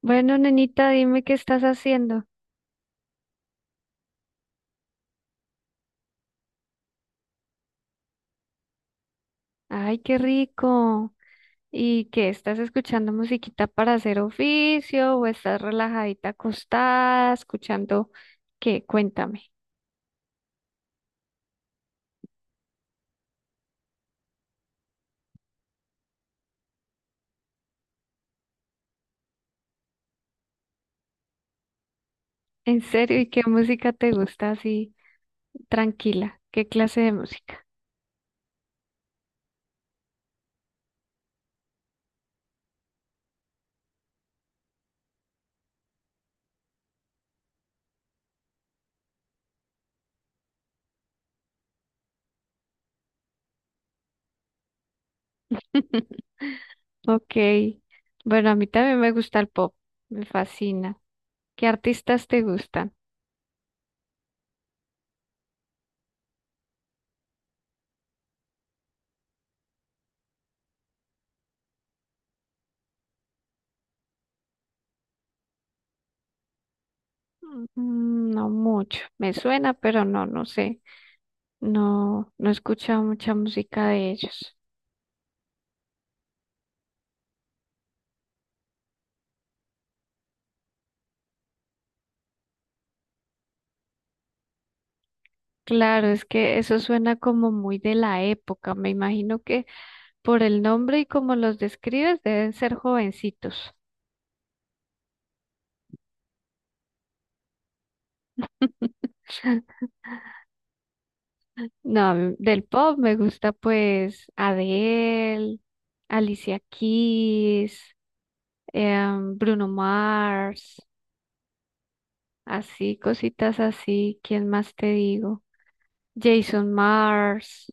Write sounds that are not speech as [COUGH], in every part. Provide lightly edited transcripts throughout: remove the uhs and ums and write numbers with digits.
Bueno, nenita, dime qué estás haciendo. Ay, qué rico. ¿Y qué? ¿Estás escuchando musiquita para hacer oficio o estás relajadita acostada, escuchando qué? Cuéntame. ¿En serio? ¿Y qué música te gusta así tranquila? ¿Qué clase de música? [LAUGHS] Ok. Bueno, a mí también me gusta el pop. Me fascina. ¿Qué artistas te gustan? Mm, no mucho. Me suena, pero no, no sé. No, no he escuchado mucha música de ellos. Claro, es que eso suena como muy de la época. Me imagino que por el nombre y como los describes, deben ser jovencitos. [LAUGHS] No, a mí del pop me gusta pues Adele, Alicia Keys, Bruno Mars, así, cositas así. ¿Quién más te digo? Jason Mars.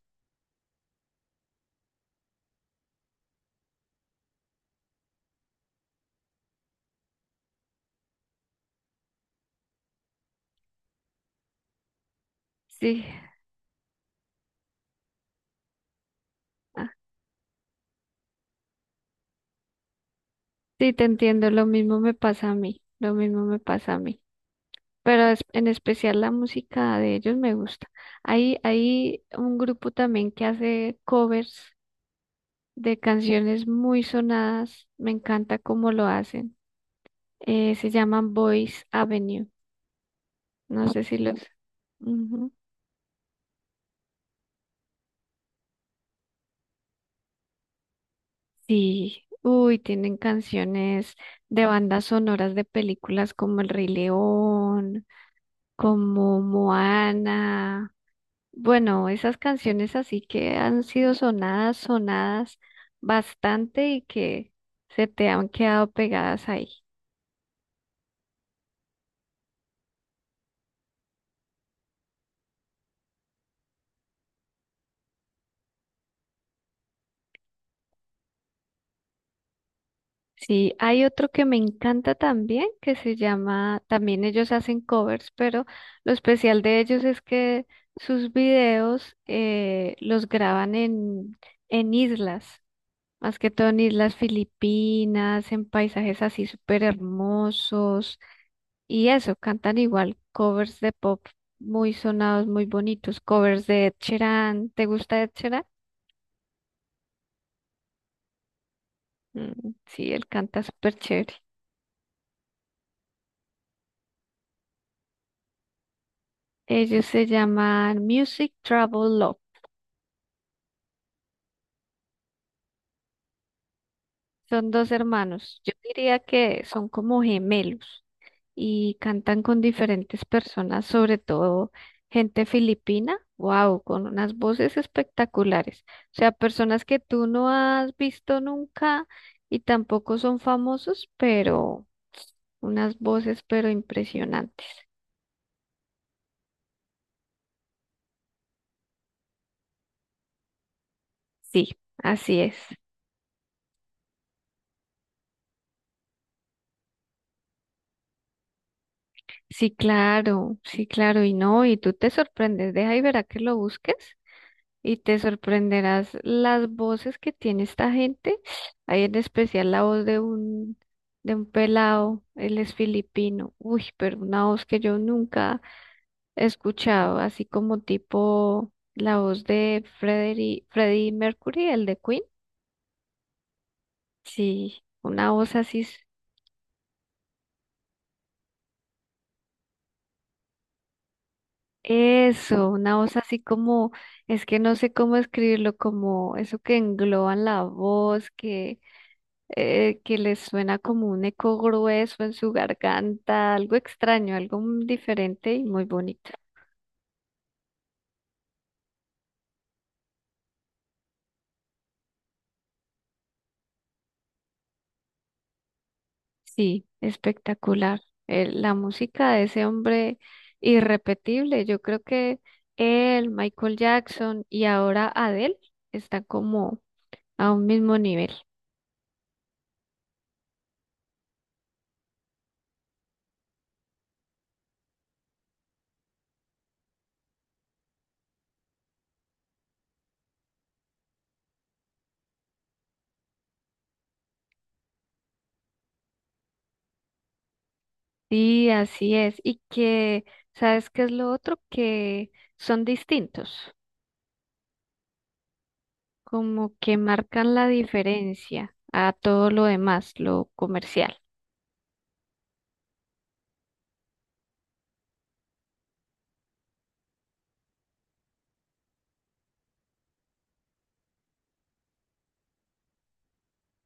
Sí, ah, sí, te entiendo. Lo mismo me pasa a mí. Lo mismo me pasa a mí. Pero en especial la música de ellos me gusta. Hay un grupo también que hace covers de canciones muy sonadas. Me encanta cómo lo hacen. Se llaman Boys Avenue. No sé si los... Ujú. Sí, uy, tienen canciones de bandas sonoras de películas como El Rey León, como Moana. Bueno, esas canciones así que han sido sonadas, sonadas bastante y que se te han quedado pegadas ahí. Sí, hay otro que me encanta también, que se llama, también ellos hacen covers, pero lo especial de ellos es que sus videos los graban en islas, más que todo en islas filipinas, en paisajes así súper hermosos, y eso, cantan igual covers de pop muy sonados, muy bonitos, covers de Ed Sheeran. ¿Te gusta Ed Sheeran? Mm, sí, él canta súper chévere. Ellos se llaman Music Travel Love. Son dos hermanos. Yo diría que son como gemelos y cantan con diferentes personas, sobre todo gente filipina. Wow, con unas voces espectaculares. O sea, personas que tú no has visto nunca y tampoco son famosos, pero unas voces pero impresionantes. Sí, así es. Sí, claro, sí, claro, y no, y tú te sorprendes, deja y verá que lo busques. Y te sorprenderás las voces que tiene esta gente. Hay en especial la voz de de un pelado, él es filipino. Uy, pero una voz que yo nunca he escuchado, así como tipo la voz de Freddie Mercury, el de Queen. Sí, una voz así, eso, una voz así como, es que no sé cómo escribirlo, como eso que engloban la voz, que les suena como un eco grueso en su garganta, algo extraño, algo diferente y muy bonito. Sí, espectacular. La música de ese hombre irrepetible. Yo creo que él, Michael Jackson y ahora Adele están como a un mismo nivel. Sí, así es. Y que, ¿sabes qué es lo otro? Que son distintos, como que marcan la diferencia a todo lo demás, lo comercial.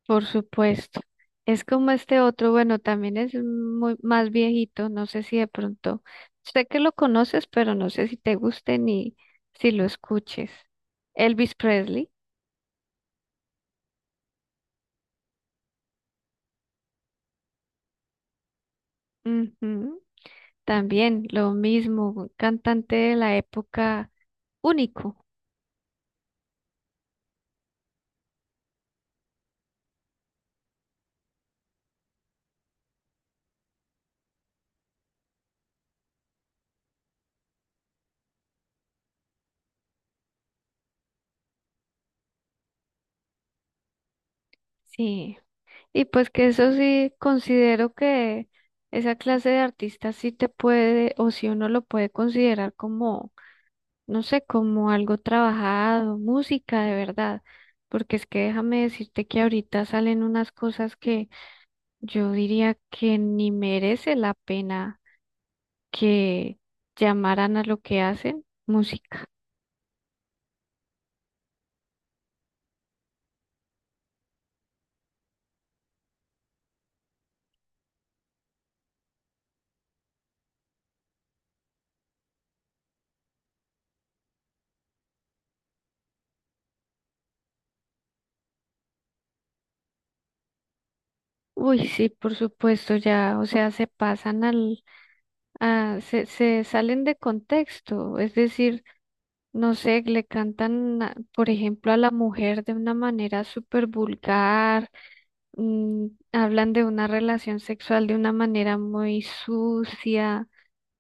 Por supuesto. Es como este otro, bueno, también es muy más viejito, no sé si de pronto, sé que lo conoces, pero no sé si te guste ni si lo escuches. Elvis Presley, ujú, también lo mismo, un cantante de la época único, sí. Y pues que eso sí, considero que esa clase de artista sí te puede, o si uno lo puede considerar como no sé, como algo trabajado, música de verdad, porque es que déjame decirte que ahorita salen unas cosas que yo diría que ni merece la pena que llamaran a lo que hacen música. Uy, sí, por supuesto, ya, o sea, se pasan al, se salen de contexto, es decir, no sé, le cantan, por ejemplo, a la mujer de una manera súper vulgar, mm, hablan de una relación sexual de una manera muy sucia,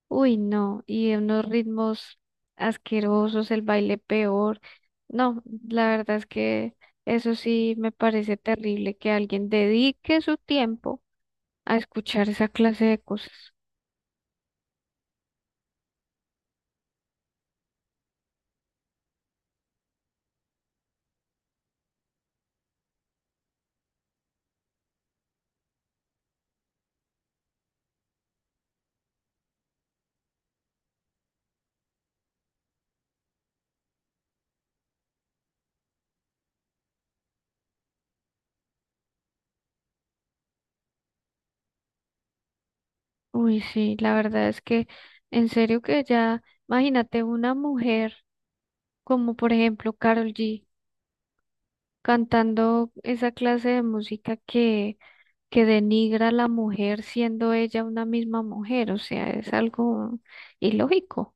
uy, no, y de unos ritmos asquerosos, el baile peor. No, la verdad es que eso sí me parece terrible que alguien dedique su tiempo a escuchar esa clase de cosas. Uy, sí, la verdad es que en serio que ya, imagínate una mujer como por ejemplo Carol G cantando esa clase de música que denigra a la mujer siendo ella una misma mujer, o sea, es algo ilógico.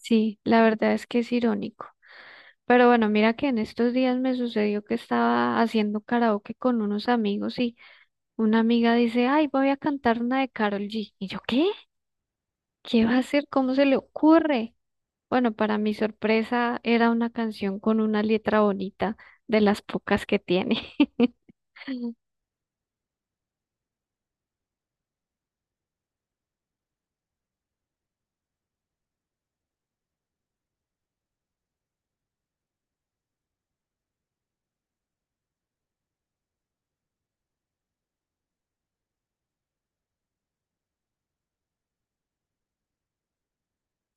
Sí, la verdad es que es irónico. Pero bueno, mira que en estos días me sucedió que estaba haciendo karaoke con unos amigos y una amiga dice, ay, voy a cantar una de Karol G. Y yo, ¿qué? ¿Qué va a hacer? ¿Cómo se le ocurre? Bueno, para mi sorpresa era una canción con una letra bonita, de las pocas que tiene. [LAUGHS]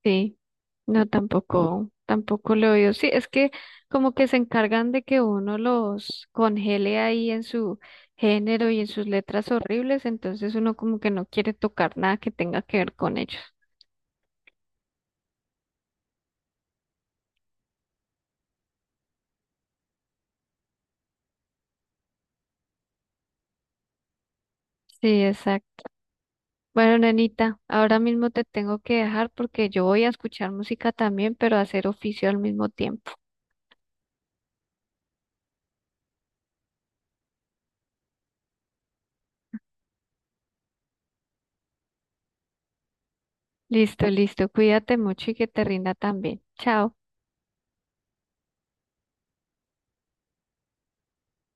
Sí, no, tampoco, tampoco lo veo. Sí, es que como que se encargan de que uno los congele ahí en su género y en sus letras horribles, entonces uno como que no quiere tocar nada que tenga que ver con ellos. Sí, exacto. Bueno, nenita, ahora mismo te tengo que dejar porque yo voy a escuchar música también, pero a hacer oficio al mismo tiempo. Listo, listo, cuídate mucho y que te rinda también. Chao.